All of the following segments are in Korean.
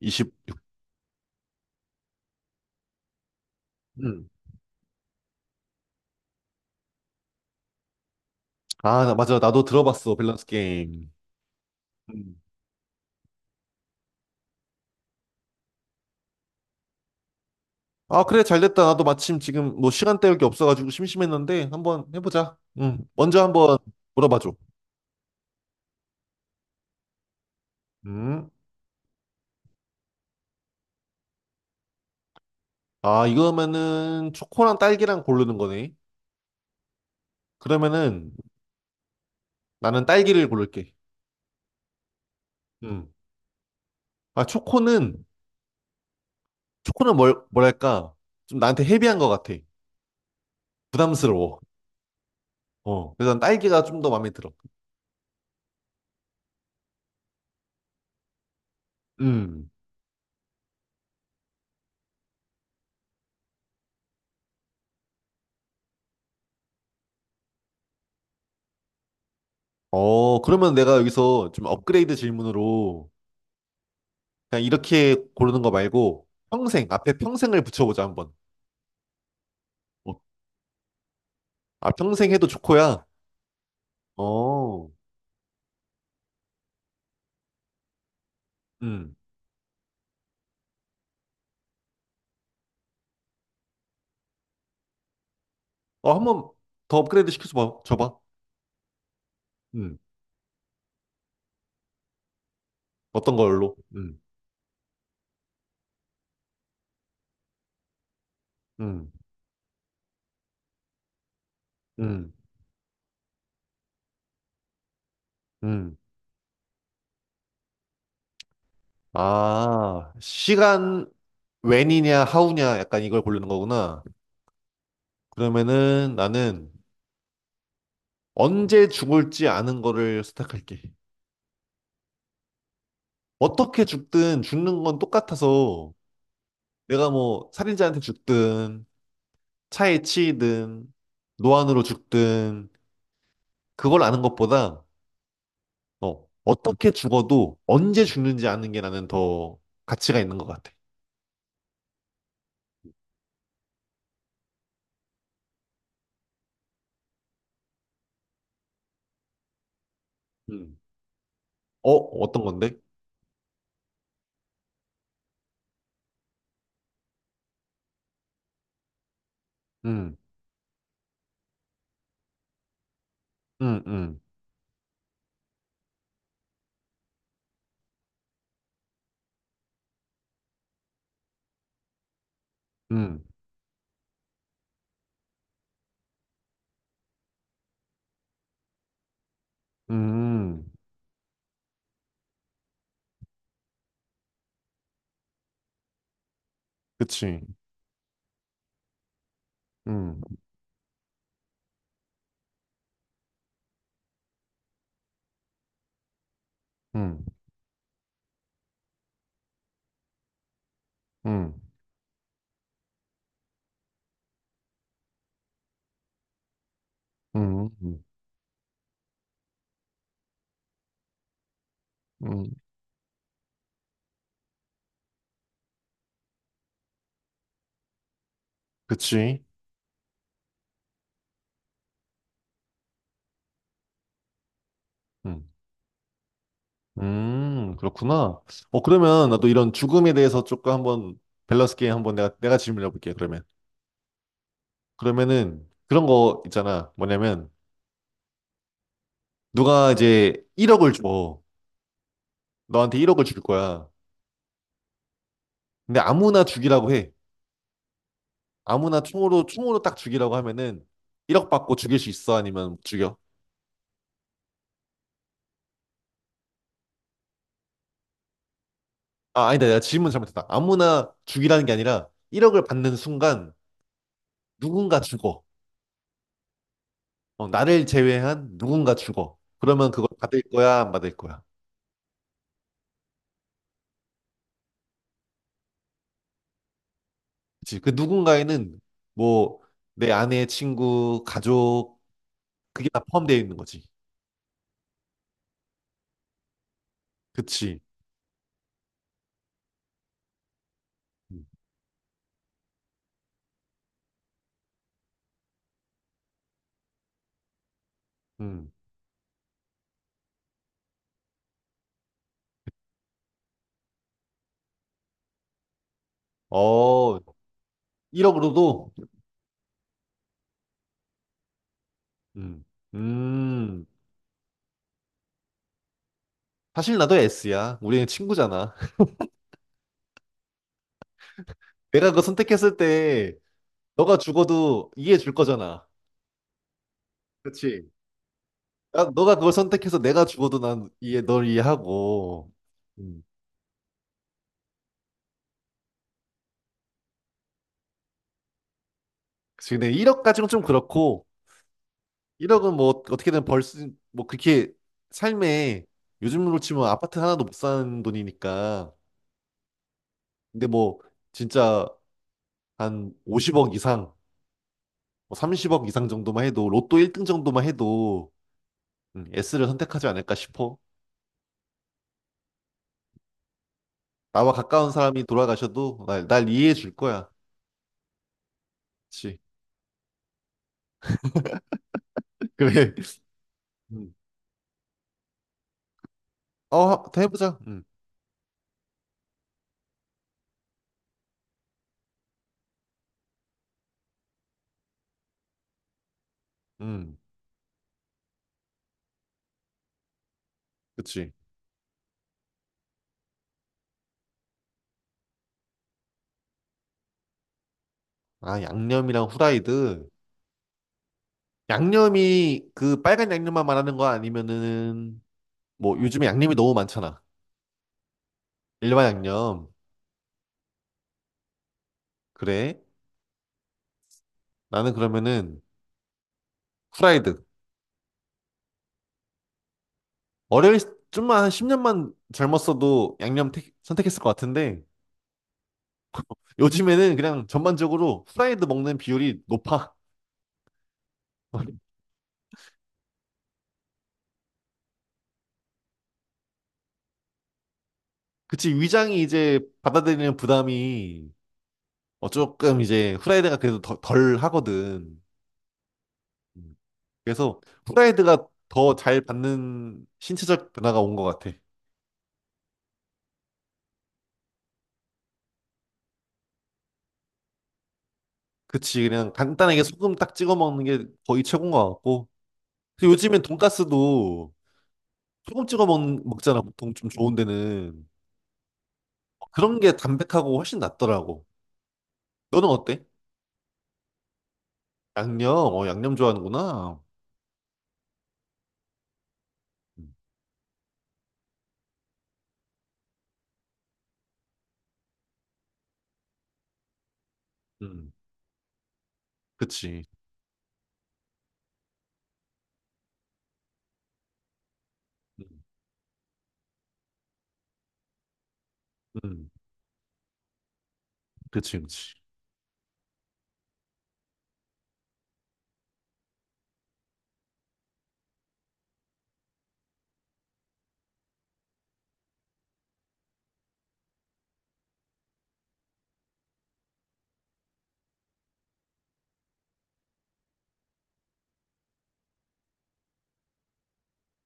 20. 음. 아, 맞아. 나도 들어봤어. 밸런스 게임. 음. 아, 그래. 잘 됐다. 나도 마침 지금 뭐 시간 때울 게 없어가지고 심심했는데 한번 해보자. 음. 먼저 한번 물어봐줘. 음. 아, 이거면은 초코랑 딸기랑 고르는 거네. 그러면은 나는 딸기를 고를게. 음. 아, 초코는, 초코는 뭐랄까. 좀 나한테 헤비한 것 같아. 부담스러워. 어. 그래서 난 딸기가 좀 더 마음에 들어. 음. 어, 그러면 내가 여기서 좀 업그레이드 질문으로 그냥 이렇게 고르는 거 말고 평생 앞에 평생을 붙여보자 한번. 어, 아 평생 해도 좋고야. 어, 음, 어 한번 더 업그레이드 시켜줘 봐, 줘봐. 음, 어떤 걸로? 음, 음, 음. 아 시간 웬이냐 하우냐 약간 이걸 고르는 거구나. 그러면은 나는 언제 죽을지 아는 거를 선택할게. 어떻게 죽든 죽는 건 똑같아서 내가 뭐 살인자한테 죽든 차에 치이든 노안으로 죽든 그걸 아는 것보다 어, 어떻게 죽어도 언제 죽는지 아는 게 나는 더 가치가 있는 것 같아. 음. 어, 어떤 건데? 음, 음, 음, 음, 음, 그치. 음, 음, 음, 음, 음, 음, 그치. 음, 그렇구나. 어, 그러면 나도 이런 죽음에 대해서 조금 한번 밸런스 게임 한번 내가 질문해 볼게, 그러면. 그러면은 그런 거 있잖아. 뭐냐면 누가 이제 1억을 줘. 너한테 1억을 줄 거야. 근데 아무나 죽이라고 해. 아무나 총으로, 총으로 딱 죽이라고 하면은 1억 받고 죽일 수 있어? 아니면 죽여? 아, 아니다. 내가 질문 잘못했다. 아무나 죽이라는 게 아니라 1억을 받는 순간 누군가 죽어. 어, 나를 제외한 누군가 죽어. 그러면 그걸 받을 거야? 안 받을 거야? 그치. 그 누군가에는 뭐 내 아내, 친구, 가족, 그게 다 포함되어 있는 거지. 그치. 음. 음. 어, 1억으로도 음. 음. 사실 나도 S야. 우리는 친구잖아. 내가 그거 선택했을 때 너가 죽어도 이해해 줄 거잖아. 그치? 나, 너가 그걸 선택해서 내가 죽어도 난 이해, 널 이해하고. 음. 그치. 근데 1억까지는 좀 그렇고, 1억은 뭐 어떻게든 벌 수, 뭐 그렇게 삶에 요즘으로 치면 아파트 하나도 못 사는 돈이니까. 근데 뭐 진짜 한 50억 이상, 뭐 30억 이상 정도만 해도, 로또 1등 정도만 해도 S를 선택하지 않을까 싶어. 나와 가까운 사람이 돌아가셔도 날 이해해 줄 거야. 그치. 그래. 음. 어, 더 해보자. 음, 그치. 아, 양념이랑 후라이드. 양념이 그 빨간 양념만 말하는 거 아니면은, 뭐, 요즘에 양념이 너무 많잖아. 일반 양념. 그래. 나는 그러면은 후라이드. 어릴, 좀만 한 10년만 젊었어도 양념 선택했을 것 같은데, 요즘에는 그냥 전반적으로 후라이드 먹는 비율이 높아. 그치, 위장이 이제 받아들이는 부담이 어, 조금 이제 후라이드가 그래도 덜 하거든. 음. 그래서 후라이드가 더 잘 받는 신체적 변화가 온 것 같아. 그치, 그냥 간단하게 소금 딱 찍어 먹는 게 거의 최고인 것 같고. 근데 요즘엔 돈가스도 소금 찍어 먹잖아, 보통 좀 좋은 데는. 어, 그런 게 담백하고 훨씬 낫더라고. 너는 어때? 양념, 어, 양념 좋아하는구나. 음, 음. 그치. 음, 음. 그치, 그치.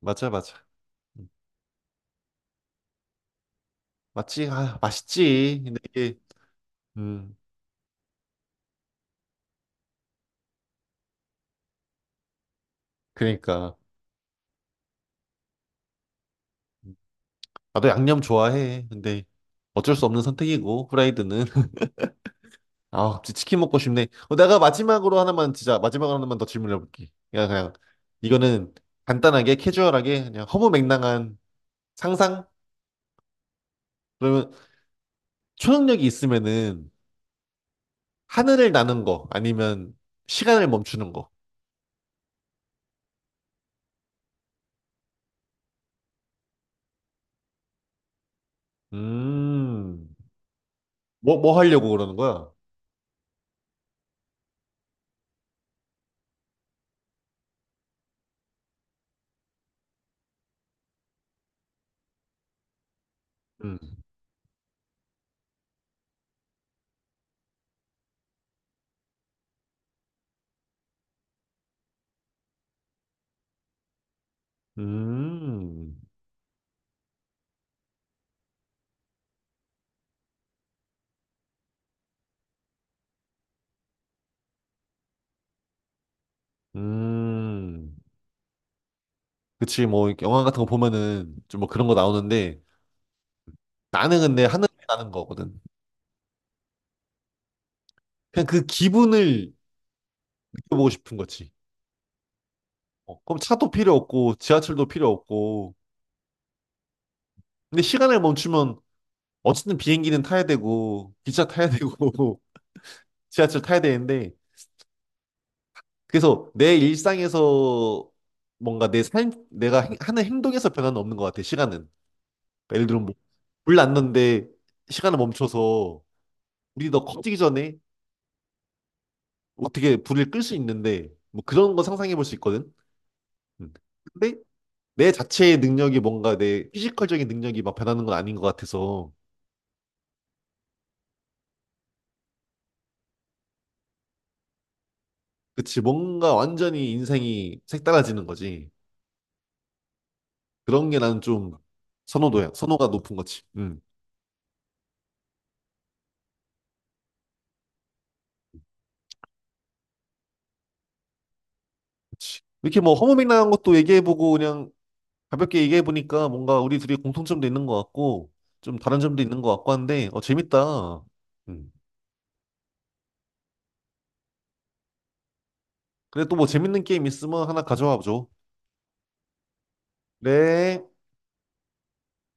맞아, 맞아. 맞지? 아, 맛있지. 근데 이게, 음, 그러니까. 나도 양념 좋아해. 근데 어쩔 수 없는 선택이고, 후라이드는. 아, 갑자기 치킨 먹고 싶네. 어, 내가 마지막으로 하나만, 진짜, 마지막으로 하나만 더 질문해볼게. 그냥, 이거는 간단하게, 캐주얼하게, 그냥 허무맹랑한 상상? 그러면 초능력이 있으면은 하늘을 나는 거, 아니면 시간을 멈추는 거. 음, 뭐, 뭐 하려고 그러는 거야? 음, 음, 음. 그치, 뭐, 영화 같은 거 보면은 좀 뭐 그런 거 나오는데 나는 근데 하늘에 나는 거거든. 그냥 그 기분을 느껴보고 싶은 거지. 어, 그럼 차도 필요 없고, 지하철도 필요 없고. 근데 시간을 멈추면 어쨌든 비행기는 타야 되고, 기차 타야 되고, 지하철 타야 되는데. 그래서 내 일상에서 뭔가 내 삶, 내가 하는 행동에서 변화는 없는 것 같아, 시간은. 그러니까 예를 들면 뭐, 불 났는데 시간을 멈춰서 우리 너 커지기 전에 어떻게 불을 끌 수 있는데 뭐 그런 거 상상해 볼 수 있거든. 음. 근데 내 자체의 능력이 뭔가 내 피지컬적인 능력이 막 변하는 건 아닌 것 같아서 그치 뭔가 완전히 인생이 색달라지는 거지. 그런 게 나는 좀 선호도야. 선호가 높은 거지. 음. 그치. 이렇게 뭐 허무맹랑한 것도 얘기해보고 그냥 가볍게 얘기해보니까 뭔가 우리 둘이 공통점도 있는 것 같고 좀 다른 점도 있는 것 같고 한데 어 재밌다. 음. 그래 또 뭐 재밌는 게임 있으면 하나 가져와 줘. 죠네